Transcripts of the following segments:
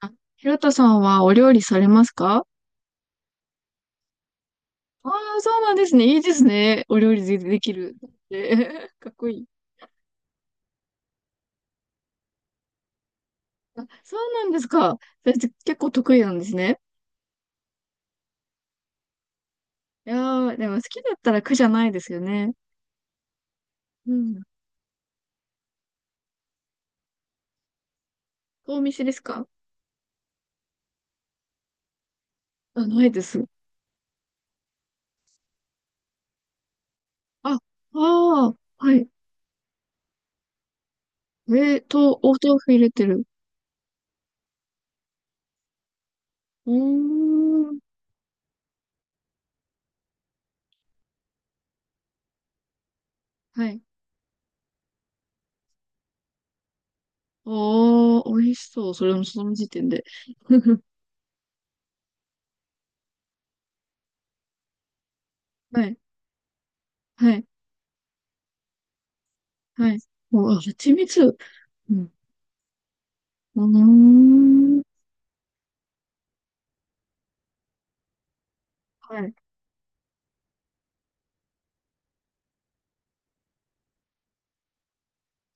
あ、ひろとさんはお料理されますか？ああー、そうなんですね。いいですね。お料理で、できる。え かっこいい。あ、そうなんですか。それって結構得意なんですね。いやー、でも好きだったら苦じゃないですよね。うん。お店ですか？あ、ないです。あ、ああ、はい。えーと、お豆腐入れてる。うーん。はい。おー、美味しそう。それもその時点で。はい。はい。はい。もうあ、蜂蜜。うん。うーん。はい。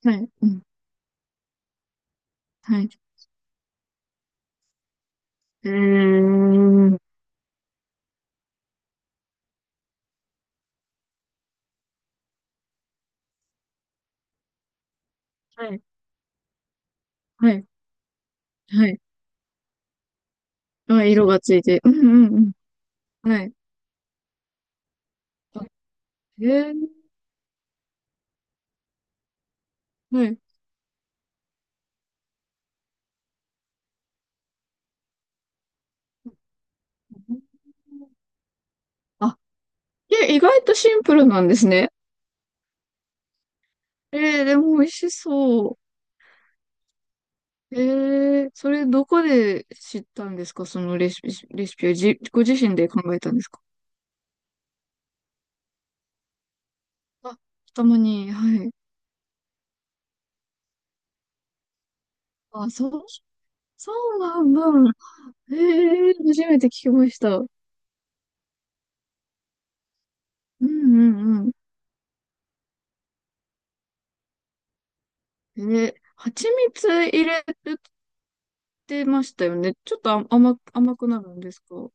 はい。うん。はい。うーはい。はい。はい。あ、色がついて。うんうんうん。はい。あへえー、はい。あ、え、意外とシンプルなんですね。えー、でも美味しそう。えー、それどこで知ったんですか？そのレシピ、レシピをご自身で考えたんですか？あ、たまに、はい。あ、そう、そうなんだ。えー、初めて聞きました。うんうんえ、蜂蜜入れてましたよね。ちょっと甘くなるんですか？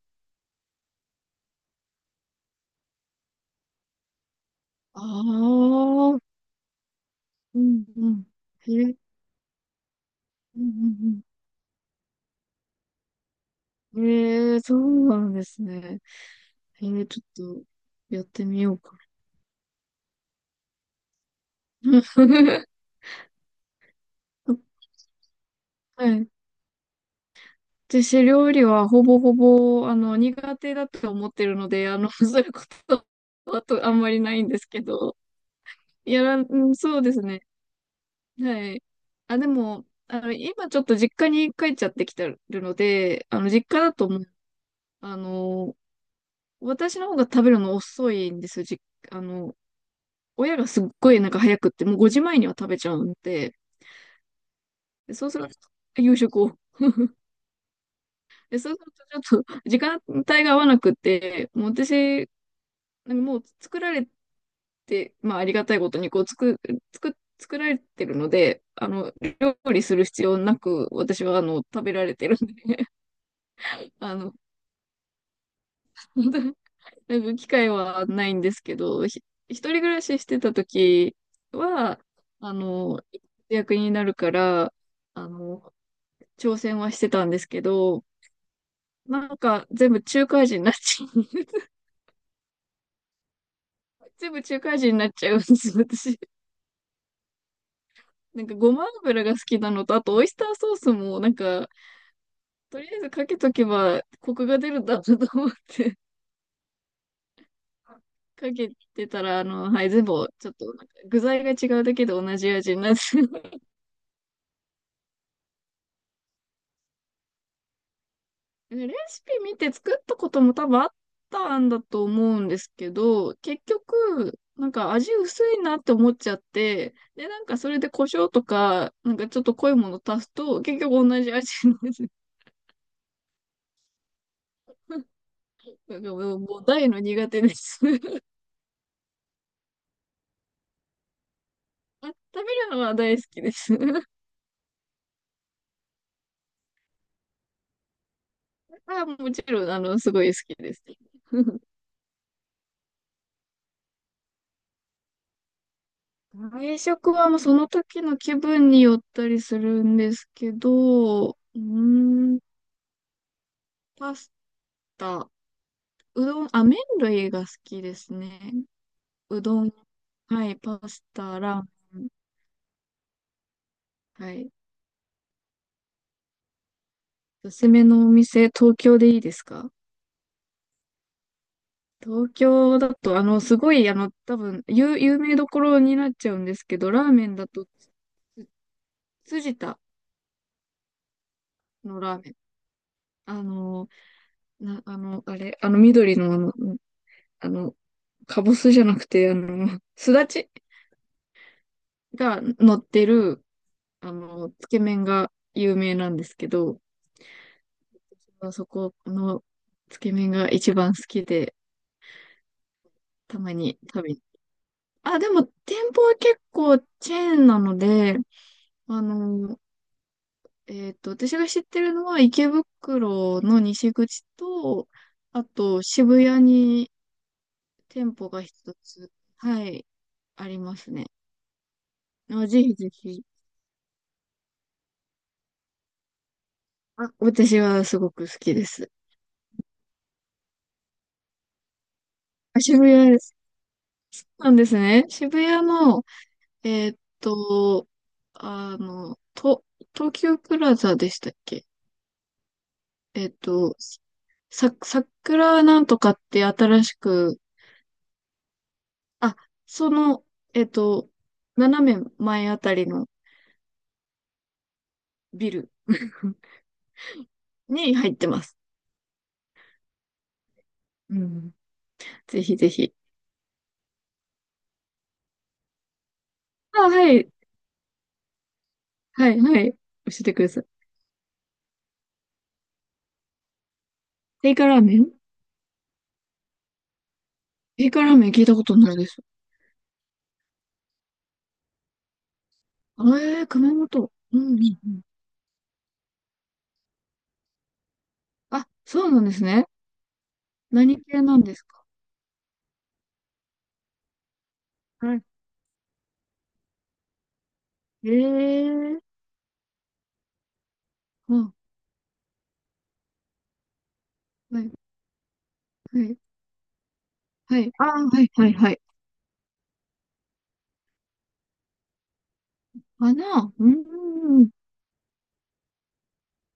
ああ、うんうん。へえ、うんうんうん。へえ、そうなんですね。へえ、ちょっとやってみようかな。はい。私、料理はほぼほぼ、苦手だと思ってるので、そういうことはあとあんまりないんですけど、やらん、そうですね。はい。あ、でも、今ちょっと実家に帰っちゃってきてるので、実家だともう、あの、私の方が食べるの遅いんですよ。じ、あの、親がすっごいなんか早くって、もう5時前には食べちゃうんで、でそうすると、夕食を。で、そうするとちょっと時間帯が合わなくって、もう私、なんかもう作られて、まあありがたいことにこう作られてるので、料理する必要なく、私は食べられてるんで。あの、本当になんか機会はないんですけど、一人暮らししてた時は、あの、役になるから、あの、挑戦はしてたんですけど、なんか全部中華味になっちゃう。全部中華味になっちゃうんです、私。なんかごま油が好きなのと、あとオイスターソースも、なんか、とりあえずかけとけばコクが出るんだなと思って。かけてたら、あの、はい、全部、ちょっと、なんか具材が違うだけで同じ味になってレシピ見て作ったことも多分あったんだと思うんですけど、結局、なんか味薄いなって思っちゃって、で、なんかそれで胡椒とか、なんかちょっと濃いもの足すと、結局同じ味になる。なんかもう、もう大の苦手です。あ、食べるのは大好きです。あ、もちろん、すごい好きです。外食はもうその時の気分によったりするんですけど、うーん、パスタ。うどん、あ、麺類が好きですね。うどん、はい、パスタ、ラーメン、はい。おすすめのお店、東京でいいですか？東京だと、すごい、多分、有名どころになっちゃうんですけど、ラーメンだと、辻田のラーメン。あの、な、あの、あれ、あの、緑の、あの、かぼすじゃなくて、すだちが乗ってる、つけ麺が有名なんですけど、そこのつけ麺が一番好きで、たまに食べに。あ、でも店舗は結構チェーンなので、あの、私が知ってるのは池袋の西口と、あと渋谷に店舗が一つ、はい、ありますね。あ、ぜひぜひ。あ、私はすごく好きです。あ、渋谷です。そうなんですね。渋谷のえーっと、あの、と、東急プラザでしたっけ？えーっと、桜なんとかって新しく、あ、その、えーっと、斜め前あたりのビルに入ってます。うん。ぜひぜひ。あ、はい、はい、はい。教えてください。テイカラーメン。テイカラーメン聞いたことないです。ええー、熊本。うん、うん。うんあ、そうなんですね。何系なんですか？はい。ええー。うんはい、はい、はい。ああ、はい、はい、はい。花、うーん、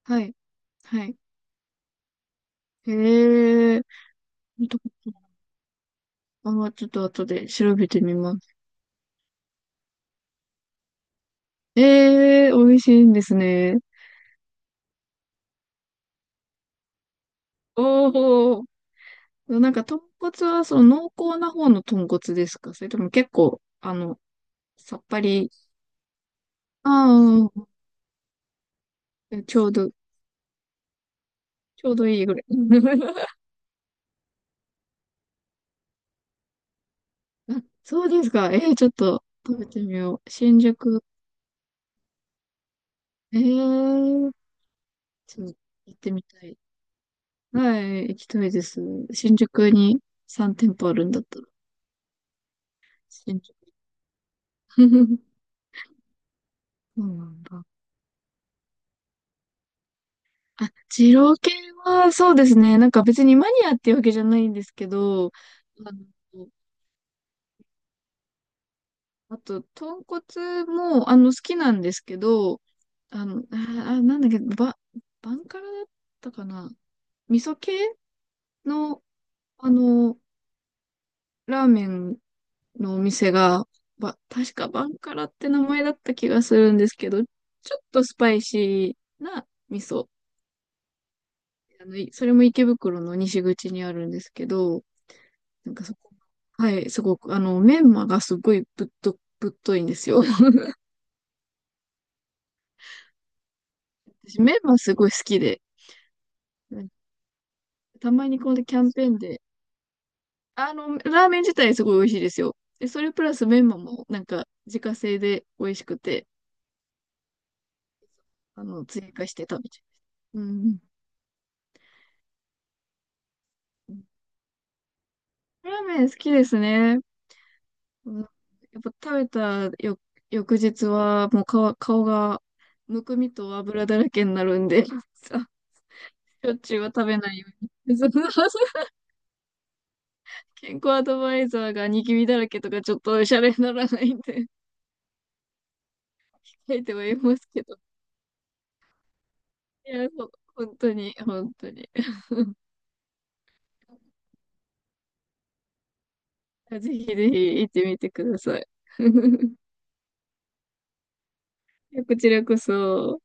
はい、はい。へえ、見たことないあー、ちょっと後で調べてみます。ええ、美味しいんですね。おお、なんか豚骨はその濃厚な方の豚骨ですか？それとも結構、さっぱり、ああ、ちょうど、ちょうどいいぐらい。あそうですか。えーちょっと食べてみよう。新宿、えーちょっと行ってみたい。はい、行きたいです。新宿に3店舗あるんだったら。新宿。そうなんだ。あ、二郎系は、そうですね。なんか別にマニアっていうわけじゃないんですけど、あの、あと、豚骨も、好きなんですけど、あの、あ、あなんだっけ、ば、バンカラだったかな。味噌系の、あの、ラーメンのお店が、確かバンカラって名前だった気がするんですけど、ちょっとスパイシーな味噌。それも池袋の西口にあるんですけど、なんかそこ、はい、すごく、メンマがすごいぶっといんですよ。私、メンマすごい好きで、なんかたまにこのキャンペーンで、ラーメン自体すごい美味しいですよ。で、それプラスメンマも、なんか、自家製で美味しくて、追加して食べちゃう。うん。ラーメン好きですね。うんやっぱ食べたよ翌日はもう顔がむくみと油だらけになるんで、さ、しょっちゅうは食べないように。そう健康アドバイザーがニキビだらけとかちょっとおしゃれにならないんで、書いてはいますけど。いや、本当に、本当に。ぜひぜひ行ってみてください。こちらこそ。